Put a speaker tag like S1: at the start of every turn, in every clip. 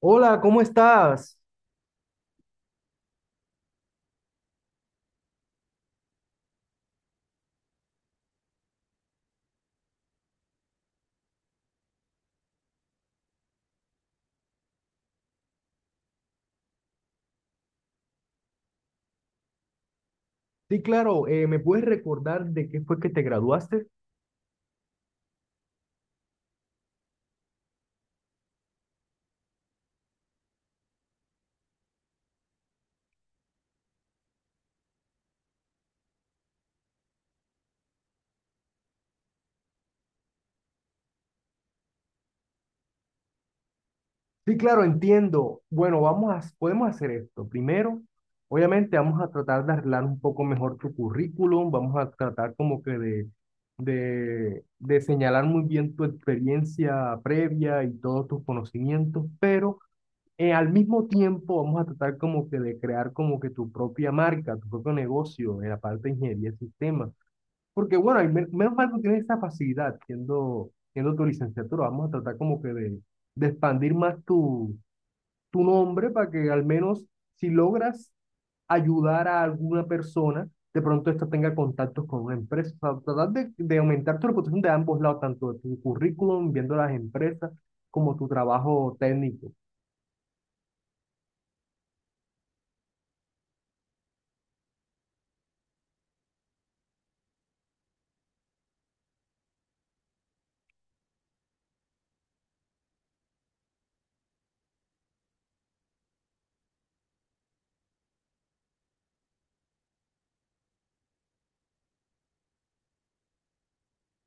S1: Hola, ¿cómo estás? Sí, claro, ¿me puedes recordar de qué fue que te graduaste? Sí, claro, entiendo. Bueno, podemos hacer esto. Primero, obviamente vamos a tratar de arreglar un poco mejor tu currículum, vamos a tratar como que de señalar muy bien tu experiencia previa y todos tus conocimientos, pero al mismo tiempo vamos a tratar como que de crear como que tu propia marca, tu propio negocio en la parte de ingeniería de sistemas. Porque bueno, menos mal que tienes esa facilidad siendo tu licenciatura. Vamos a tratar como que de expandir más tu nombre para que al menos si logras ayudar a alguna persona, de pronto esta tenga contactos con una empresa. O sea, tratar de aumentar tu reputación de ambos lados, tanto de tu currículum, viendo las empresas, como tu trabajo técnico.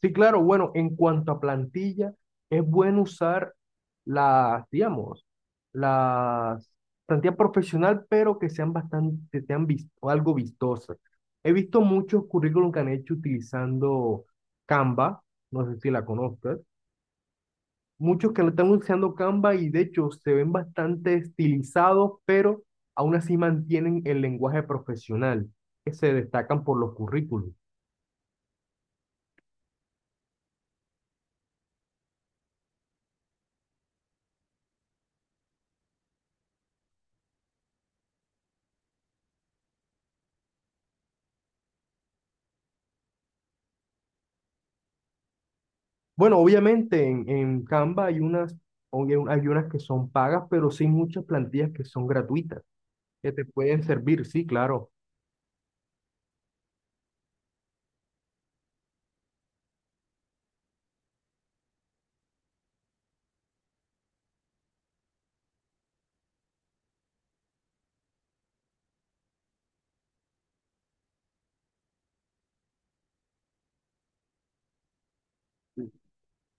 S1: Sí, claro, bueno, en cuanto a plantilla, es bueno usar las, digamos, las plantilla profesional, pero que sean bastante, que sean o algo vistosas. He visto muchos currículum que han hecho utilizando Canva, no sé si la conozcas, muchos que lo están usando Canva y de hecho se ven bastante estilizados, pero aún así mantienen el lenguaje profesional, que se destacan por los currículums. Bueno, obviamente en Canva hay unas, hay unas que son pagas, pero sí hay muchas plantillas que son gratuitas, que te pueden servir, sí, claro.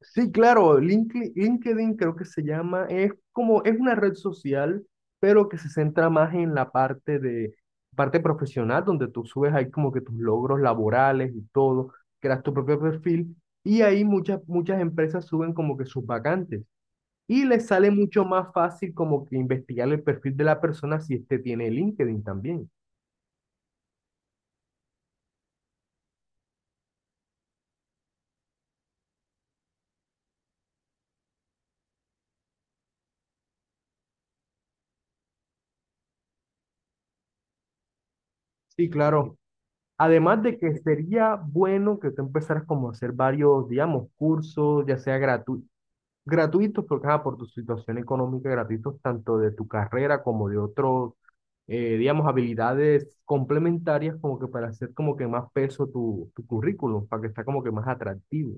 S1: Sí, claro, LinkedIn creo que se llama, es como, es una red social, pero que se centra más en la parte parte profesional, donde tú subes ahí como que tus logros laborales y todo, creas tu propio perfil, y ahí muchas empresas suben como que sus vacantes. Y les sale mucho más fácil como que investigar el perfil de la persona si este tiene LinkedIn también. Sí, claro. Además de que sería bueno que tú empezaras como a hacer varios, digamos, cursos, ya sea gratuitos, porque ajá, por tu situación económica, gratuitos tanto de tu carrera como de otros, digamos, habilidades complementarias, como que para hacer como que más peso tu currículum, para que está como que más atractivo.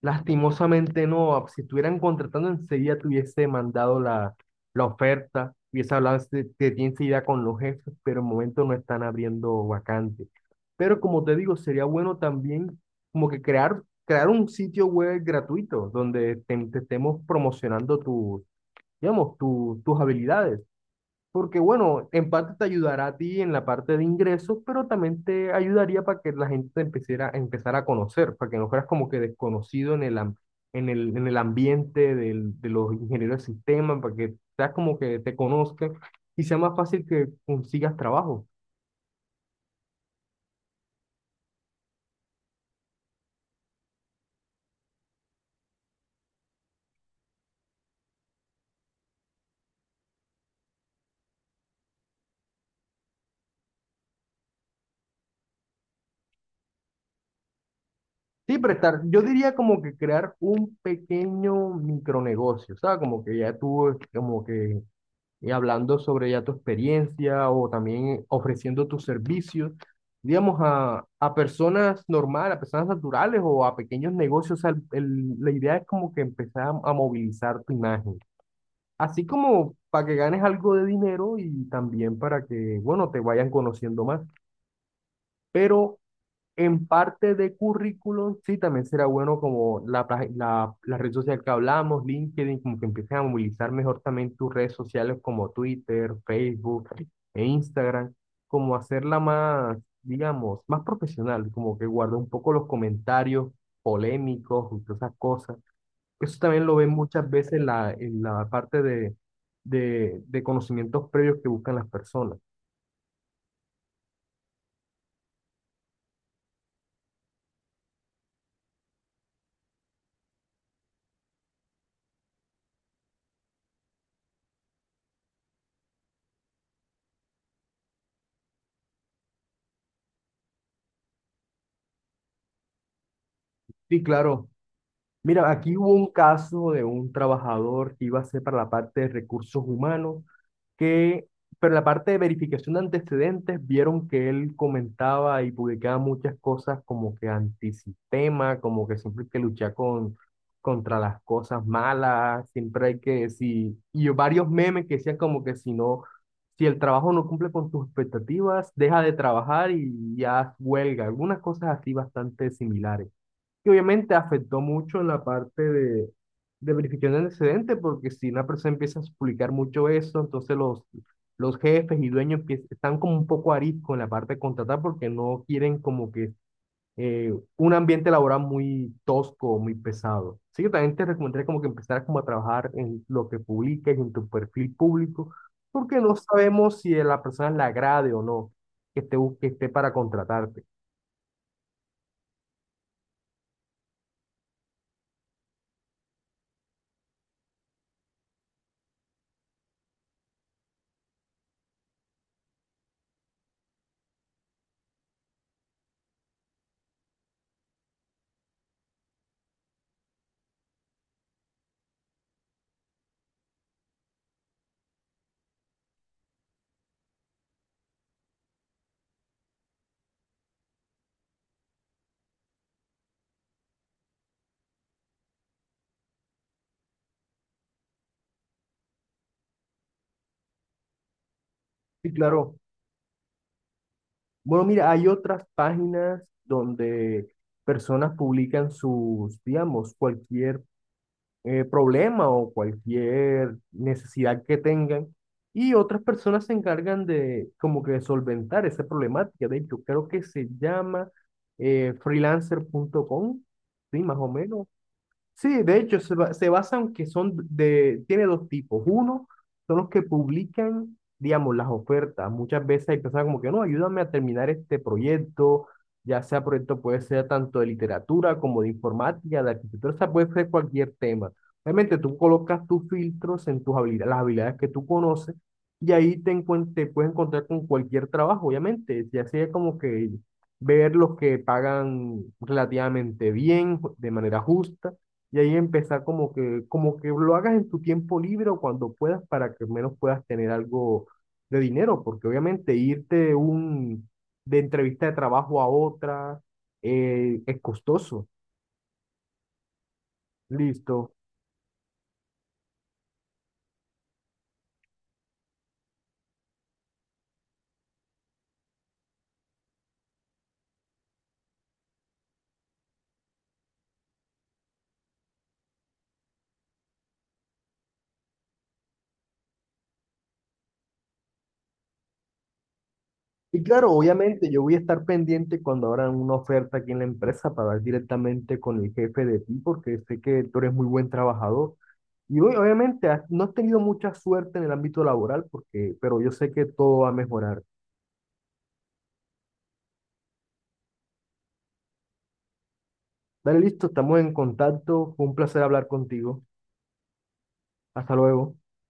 S1: Lastimosamente no, ah, si estuvieran contratando enseguida te hubiese mandado la oferta, hubiese hablado de ti enseguida con los jefes, pero en momento no están abriendo vacantes. Pero como te digo, sería bueno también como que crear un sitio web gratuito donde te estemos promocionando tu, digamos, tus habilidades. Porque bueno, en parte te ayudará a ti en la parte de ingresos, pero también te ayudaría para que la gente te empezara a conocer, para que no fueras como que desconocido en el, am- en el ambiente de los ingenieros de sistemas, para que seas como que te conozcan y sea más fácil que consigas trabajo. Sí, yo diría como que crear un pequeño micronegocio, ¿sabes? Como que ya tú, como que y hablando sobre ya tu experiencia o también ofreciendo tus servicios, digamos, a personas normales, a personas naturales o a pequeños negocios. O sea, la idea es como que empezar a movilizar tu imagen, así como para que ganes algo de dinero y también para que, bueno, te vayan conociendo más. Pero en parte de currículum, sí, también será bueno como la red social que hablamos, LinkedIn, como que empiecen a movilizar mejor también tus redes sociales como Twitter, Facebook e Instagram, como hacerla más, digamos, más profesional, como que guarda un poco los comentarios polémicos y todas esas cosas. Eso también lo ven muchas veces en la parte de conocimientos previos que buscan las personas. Sí, claro. Mira, aquí hubo un caso de un trabajador que iba a ser para la parte de recursos humanos, que, pero en la parte de verificación de antecedentes, vieron que él comentaba y publicaba muchas cosas como que antisistema, como que siempre hay que luchar contra las cosas malas, siempre hay que, si, y varios memes que decían como que si no, si el trabajo no cumple con tus expectativas, deja de trabajar y ya huelga, algunas cosas así bastante similares que obviamente afectó mucho en la parte de verificación de antecedentes, porque si una persona empieza a publicar mucho eso, entonces los jefes y dueños están como un poco arisco en la parte de contratar porque no quieren como que eh, un ambiente laboral muy tosco, muy pesado. Así que también te recomendaría como que empezaras como a trabajar en lo que publiques, en tu perfil público, porque no sabemos si a la persona le agrade o no que esté para contratarte. Sí, claro. Bueno, mira, hay otras páginas donde personas publican sus, digamos, cualquier problema o cualquier necesidad que tengan y otras personas se encargan de como que de solventar esa problemática. De hecho, creo que se llama freelancer.com sí, más o menos. Sí, de hecho, se basan que son tiene dos tipos. Uno, son los que publican, digamos, las ofertas. Muchas veces hay personas como que, no, ayúdame a terminar este proyecto, ya sea proyecto puede ser tanto de literatura como de informática, de arquitectura, o sea, puede ser cualquier tema. Obviamente tú colocas tus filtros en tus habilidades, las habilidades que tú conoces, y ahí te puedes encontrar con cualquier trabajo, obviamente. Ya sea como que ver los que pagan relativamente bien, de manera justa y ahí empezar como que lo hagas en tu tiempo libre o cuando puedas para que al menos puedas tener algo de dinero, porque obviamente irte de entrevista de trabajo a otra es costoso. Listo. Y claro, obviamente yo voy a estar pendiente cuando abran una oferta aquí en la empresa para hablar directamente con el jefe de ti, porque sé que tú eres muy buen trabajador. Y hoy, obviamente no has tenido mucha suerte en el ámbito laboral, pero yo sé que todo va a mejorar. Dale, listo, estamos en contacto. Fue un placer hablar contigo. Hasta luego.